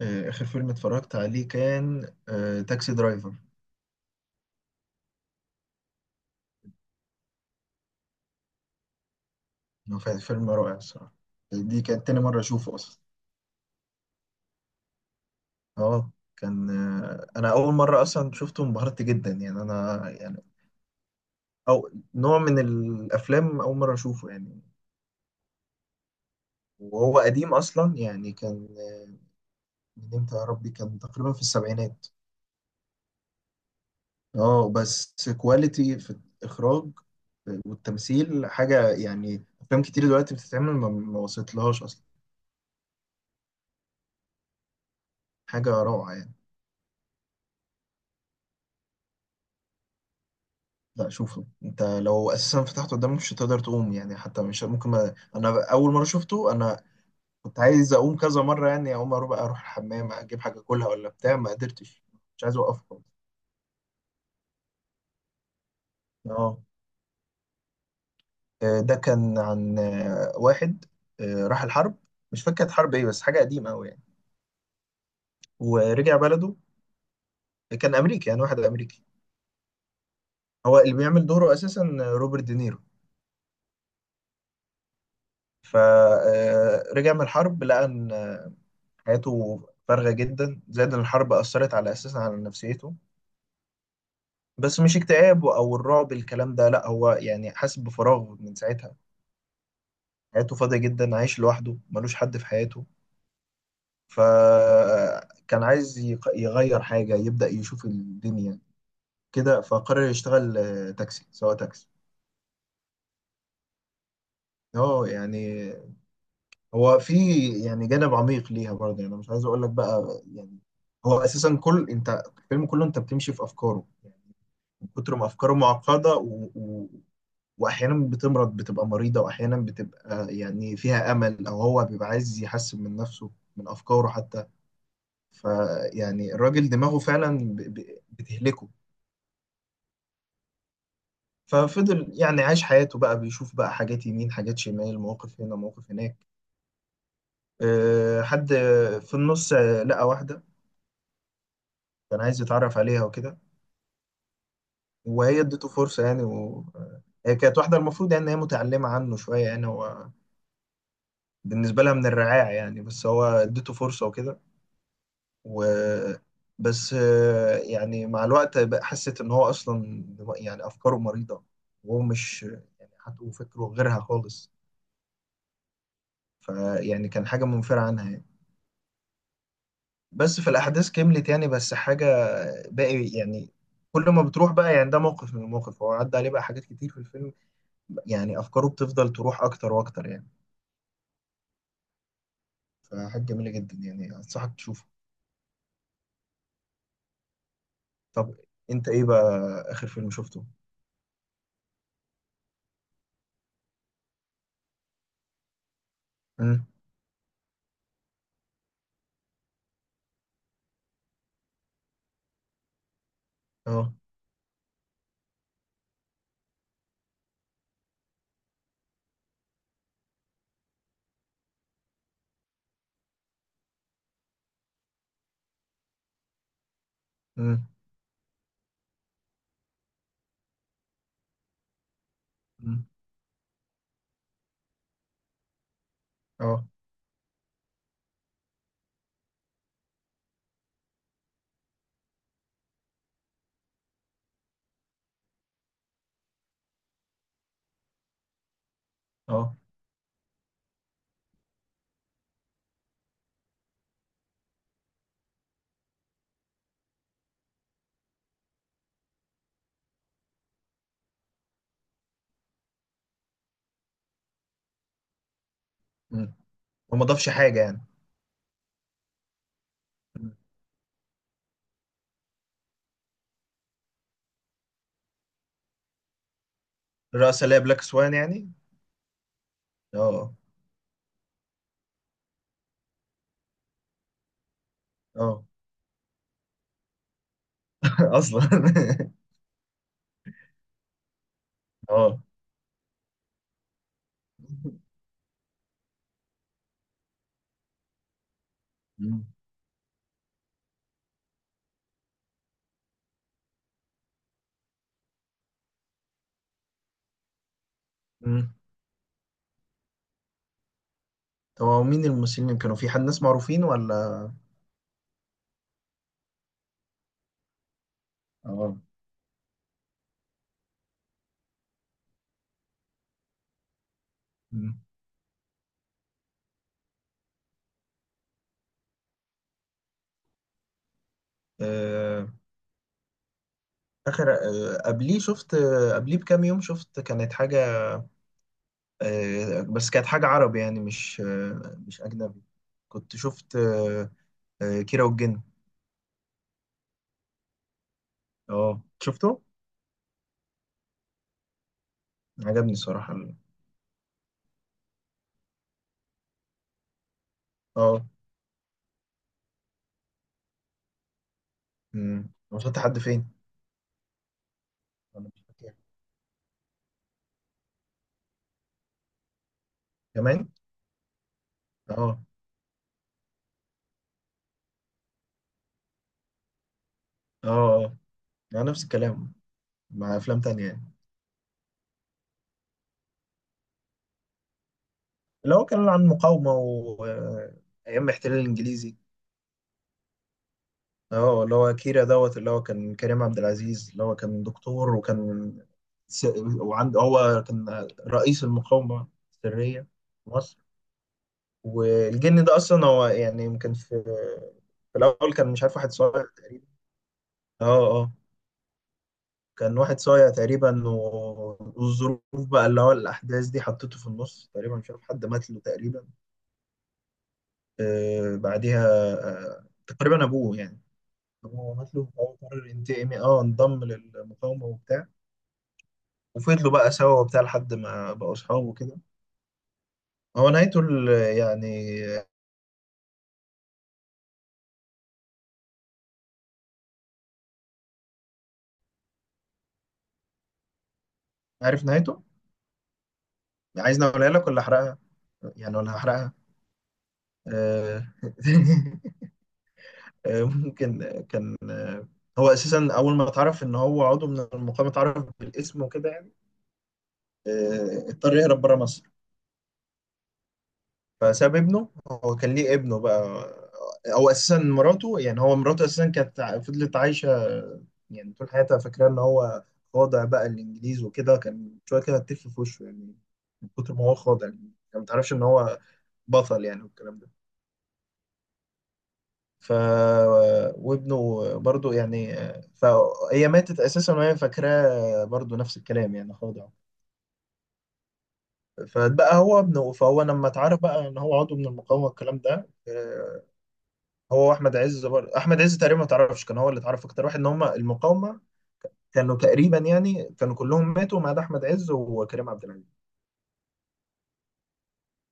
آخر فيلم اتفرجت عليه كان تاكسي درايفر. هو كان فيلم رائع الصراحة. دي كانت تاني مرة أشوفه أصلا. اه. كان أنا أول مرة أصلا شفته انبهرت جدا يعني أنا يعني أو نوع من الأفلام أول مرة أشوفه يعني. وهو قديم أصلا يعني كان من إمتى يا ربي، كان تقريبا في السبعينات. اه بس كواليتي في الإخراج والتمثيل حاجة، يعني أفلام كتير دلوقتي بتتعمل ما وصلتلهاش أصلا. حاجة روعة. لا، شوفه انت، لو اساسا فتحته قدامك مش هتقدر تقوم يعني، حتى مش ممكن ما... انا اول مره شفته انا كنت عايز اقوم كذا مره يعني، اقوم اروح بقى اروح الحمام اجيب حاجه كلها ولا بتاع ما قدرتش، مش عايز اوقف خالص. اه. ده كان عن واحد راح الحرب، مش فاكر كانت حرب ايه بس حاجه قديمه قوي يعني. ورجع بلده، كان امريكي يعني واحد امريكي. هو اللي بيعمل دوره اساسا روبرت دينيرو. فرجع من الحرب لقى ان حياته فارغة جدا، زائد إن الحرب أثرت على أساسا على نفسيته. بس مش اكتئاب أو الرعب الكلام ده لأ، هو يعني حاسس بفراغ من ساعتها. حياته فاضية جدا، عايش لوحده، ملوش حد في حياته. فكان عايز يغير حاجة، يبدأ يشوف الدنيا كده. فقرر يشتغل تاكسي، سواق تاكسي. اه يعني هو في يعني جانب عميق ليها برضه يعني. أنا مش عايز اقول لك بقى يعني. هو اساسا كل انت، الفيلم كله انت بتمشي في افكاره، من كتر ما افكاره معقده واحيانا بتمرض، بتبقى مريضه، واحيانا بتبقى يعني فيها امل او هو بيبقى عايز يحسن من نفسه، من افكاره حتى. فيعني الراجل دماغه فعلا بتهلكه. ففضل يعني عايش حياته بقى، بيشوف بقى حاجات يمين، حاجات شمال، مواقف هنا، مواقف هناك. حد في النص لقى واحده، كان عايز يتعرف عليها وكده. وهي ادته فرصه يعني هي كانت واحده المفروض يعني ان هي متعلمه عنه شويه يعني، هو بالنسبة لها من الرعاع يعني بس هو اديته فرصة وكده. و بس يعني مع الوقت بقى حست ان هو اصلا يعني افكاره مريضة، وهو مش يعني حتى فكره غيرها خالص. فيعني كان حاجة منفرة عنها يعني. بس في الاحداث كملت يعني، بس حاجة باقي يعني، كل ما بتروح بقى يعني ده موقف من المواقف هو عدى عليه بقى، حاجات كتير في الفيلم، يعني افكاره بتفضل تروح اكتر واكتر يعني. فحاجة جميلة جدا يعني، انصحك تشوفه. طب انت ايه بقى اخر فيلم شفته؟ مم. اه. مم. مم. اه. اه. مم. وما ضافش حاجة يعني. مم. الرأس اللي هي بلاك سوان يعني. اه. اه. اصلا اه. مم. مم. طب هو مين الممثلين اللي كانوا، في حد ناس معروفين ولا؟ اه. مم. آه، اخر قبليه شفت قبليه بكام يوم شفت كانت حاجة بس كانت حاجة عربي يعني مش أجنبي. كنت شفت كيرة والجن. اه، شفته، عجبني الصراحة. اه. امم، وصلت لحد فين؟ انا مش فاكر. كمان؟ اه. اه. اه. مع نفس الكلام، مع افلام تانية يعني. اللي هو كان عن مقاومة و ايام الاحتلال الانجليزي. اه، اللي هو كيرا دوت اللي هو كان كريم عبد العزيز، اللي هو كان دكتور وكان س... وعنده، هو كان رئيس المقاومة السرية في مصر. والجن ده اصلا هو يعني يمكن في، في الاول كان مش عارف، واحد صغير تقريبا. اه. اه. كان واحد صايع تقريبا والظروف بقى اللي هو الأحداث دي حطته في النص تقريبا، مش عارف حد مات له تقريبا. آه بعديها، آه تقريبا أبوه يعني. أبوه مات له فهو قرر ينتقم، اه انضم للمقاومة وبتاع، وفضلوا بقى سوا وبتاع لحد ما بقوا أصحاب وكده. هو نهايته يعني، عارف نهايته؟ عايزني أقولها لك ولا أحرقها؟ يعني ولا هحرقها؟ آه ممكن كان هو أساسا أول ما اتعرف إن هو عضو من المقاومة، اتعرف بالاسم وكده يعني. اضطر يهرب بره مصر. فساب ابنه، هو كان ليه ابنه بقى، او اساسا مراته يعني. هو مراته اساسا كانت فضلت عايشه يعني طول حياتها فاكره ان هو خاضع بقى الانجليز وكده، كان شويه كده هتف في وشه يعني من كتر ما هو خاضع، يعني ما تعرفش ان هو بطل يعني والكلام ده. ف وابنه برضو يعني. فهي ماتت اساسا وهي فاكراه برضو نفس الكلام يعني خاضع. فبقى هو ابنه، فهو لما اتعرف بقى ان هو عضو من المقاومه والكلام ده هو احمد عز برضه. احمد عز تقريبا ما تعرفش كان هو اللي اتعرف اكتر واحد ان هم المقاومه. كانوا تقريبا يعني كانوا كلهم ماتوا ما عدا احمد عز وكريم عبد العزيز.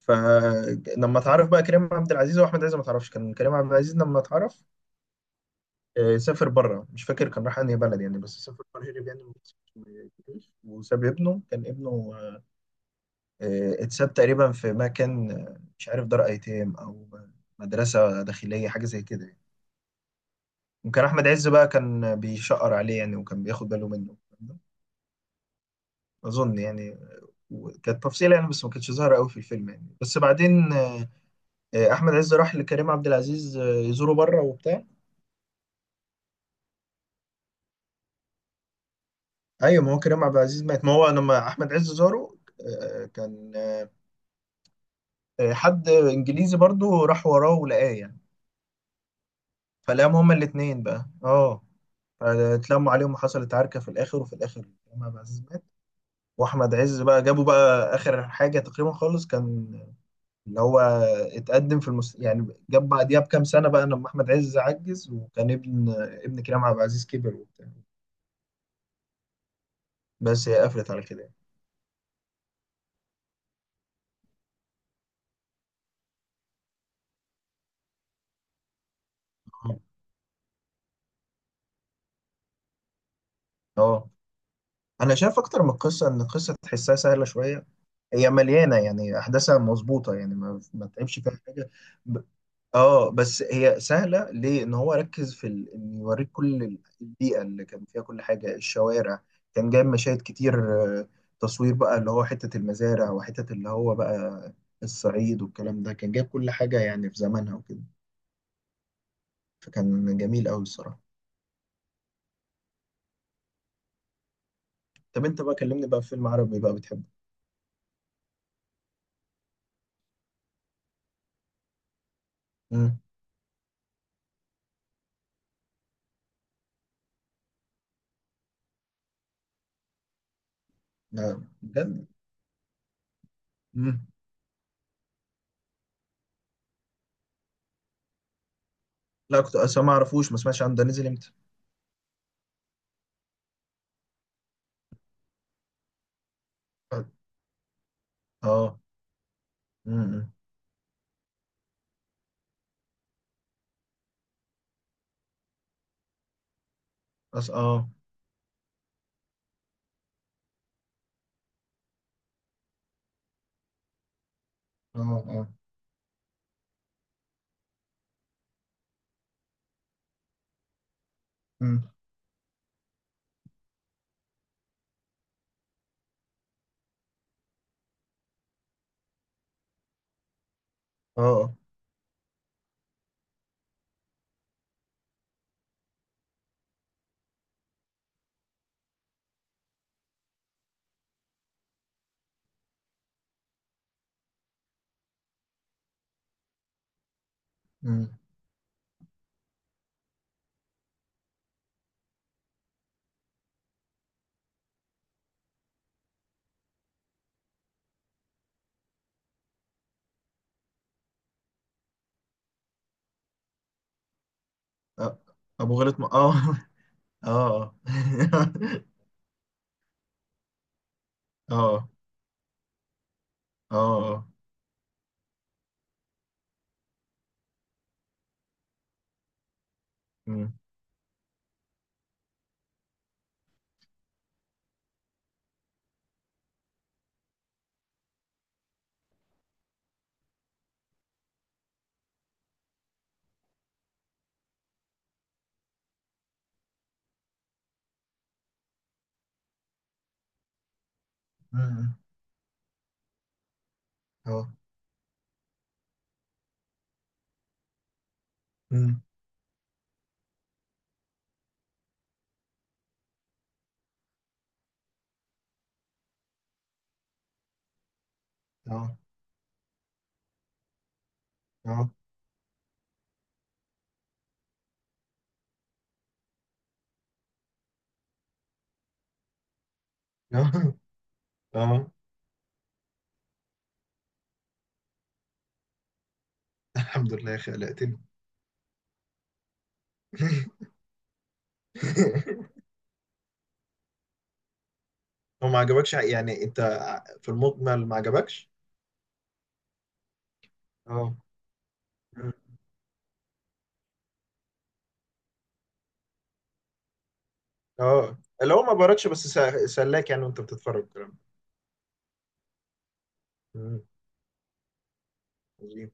فلما اتعرف بقى كريم عبد العزيز واحمد عز، ما تعرفش كان كريم عبد العزيز لما اتعرف سافر بره، مش فاكر كان راح انهي بلد يعني، بس سافر بره، هرب يعني من مصر وما جاش. وساب ابنه، كان ابنه اتساب تقريبا في مكان مش عارف، دار ايتام او مدرسه داخليه حاجه زي كده يعني. وكان احمد عز بقى كان بيشقر عليه يعني، وكان بياخد باله منه اظن يعني. كانت تفصيلة يعني بس ما كانتش ظاهرة قوي في الفيلم يعني، بس بعدين احمد عز راح لكريم عبد العزيز يزوره بره وبتاع. ايوه، ما هو كريم عبد العزيز مات ما هو لما احمد عز زاره كان حد انجليزي برضو راح وراه ولقاه يعني. فلقاهم هما الاتنين بقى اه، اتلموا عليهم، وحصلت عركة في الآخر، وفي الآخر كريم عبد العزيز مات، وأحمد عز بقى جابوا بقى آخر حاجة تقريبا خالص، كان اللي هو اتقدم في يعني جاب بعديها بكام سنة بقى لما أحمد عز عجز، وكان ابن ابن كريم عبد العزيز كبر وبتاع. بس هي قفلت على كده يعني. اه. أنا شايف أكتر من قصة، إن القصة تحسها سهلة شوية، هي مليانة يعني، أحداثها مظبوطة يعني، ما تعبش فيها حاجة. اه، بس هي سهله ليه، ان هو ركز في ان يوريك كل البيئه اللي كان فيها، كل حاجه، الشوارع، كان جايب مشاهد كتير. آه، تصوير بقى اللي هو حته المزارع وحته اللي هو بقى الصعيد والكلام ده، كان جايب كل حاجه يعني في زمانها وكده. فكان جميل قوي الصراحه. طب انت بقى كلمني بقى في فيلم عربي بقى بتحبه. امم. لا بجد. امم. لا كنت اصلا ما اعرفوش، ما سمعتش عنه، ده نزل امتى؟ اه. امم. أص... اه. اه. اه. امم. اه. آه. مم. أ- ابو غلط اه. اه اه. اه. اه. أمم. اه. اه. أمم. اه. اه. اه. اه. الحمد لله خلقتني. هو ما عجبكش يعني انت، في المجمل ما عجبكش؟ اه. اه. اللي هو ما باركش بس سلاك يعني وانت بتتفرج الكلام ده. أمم.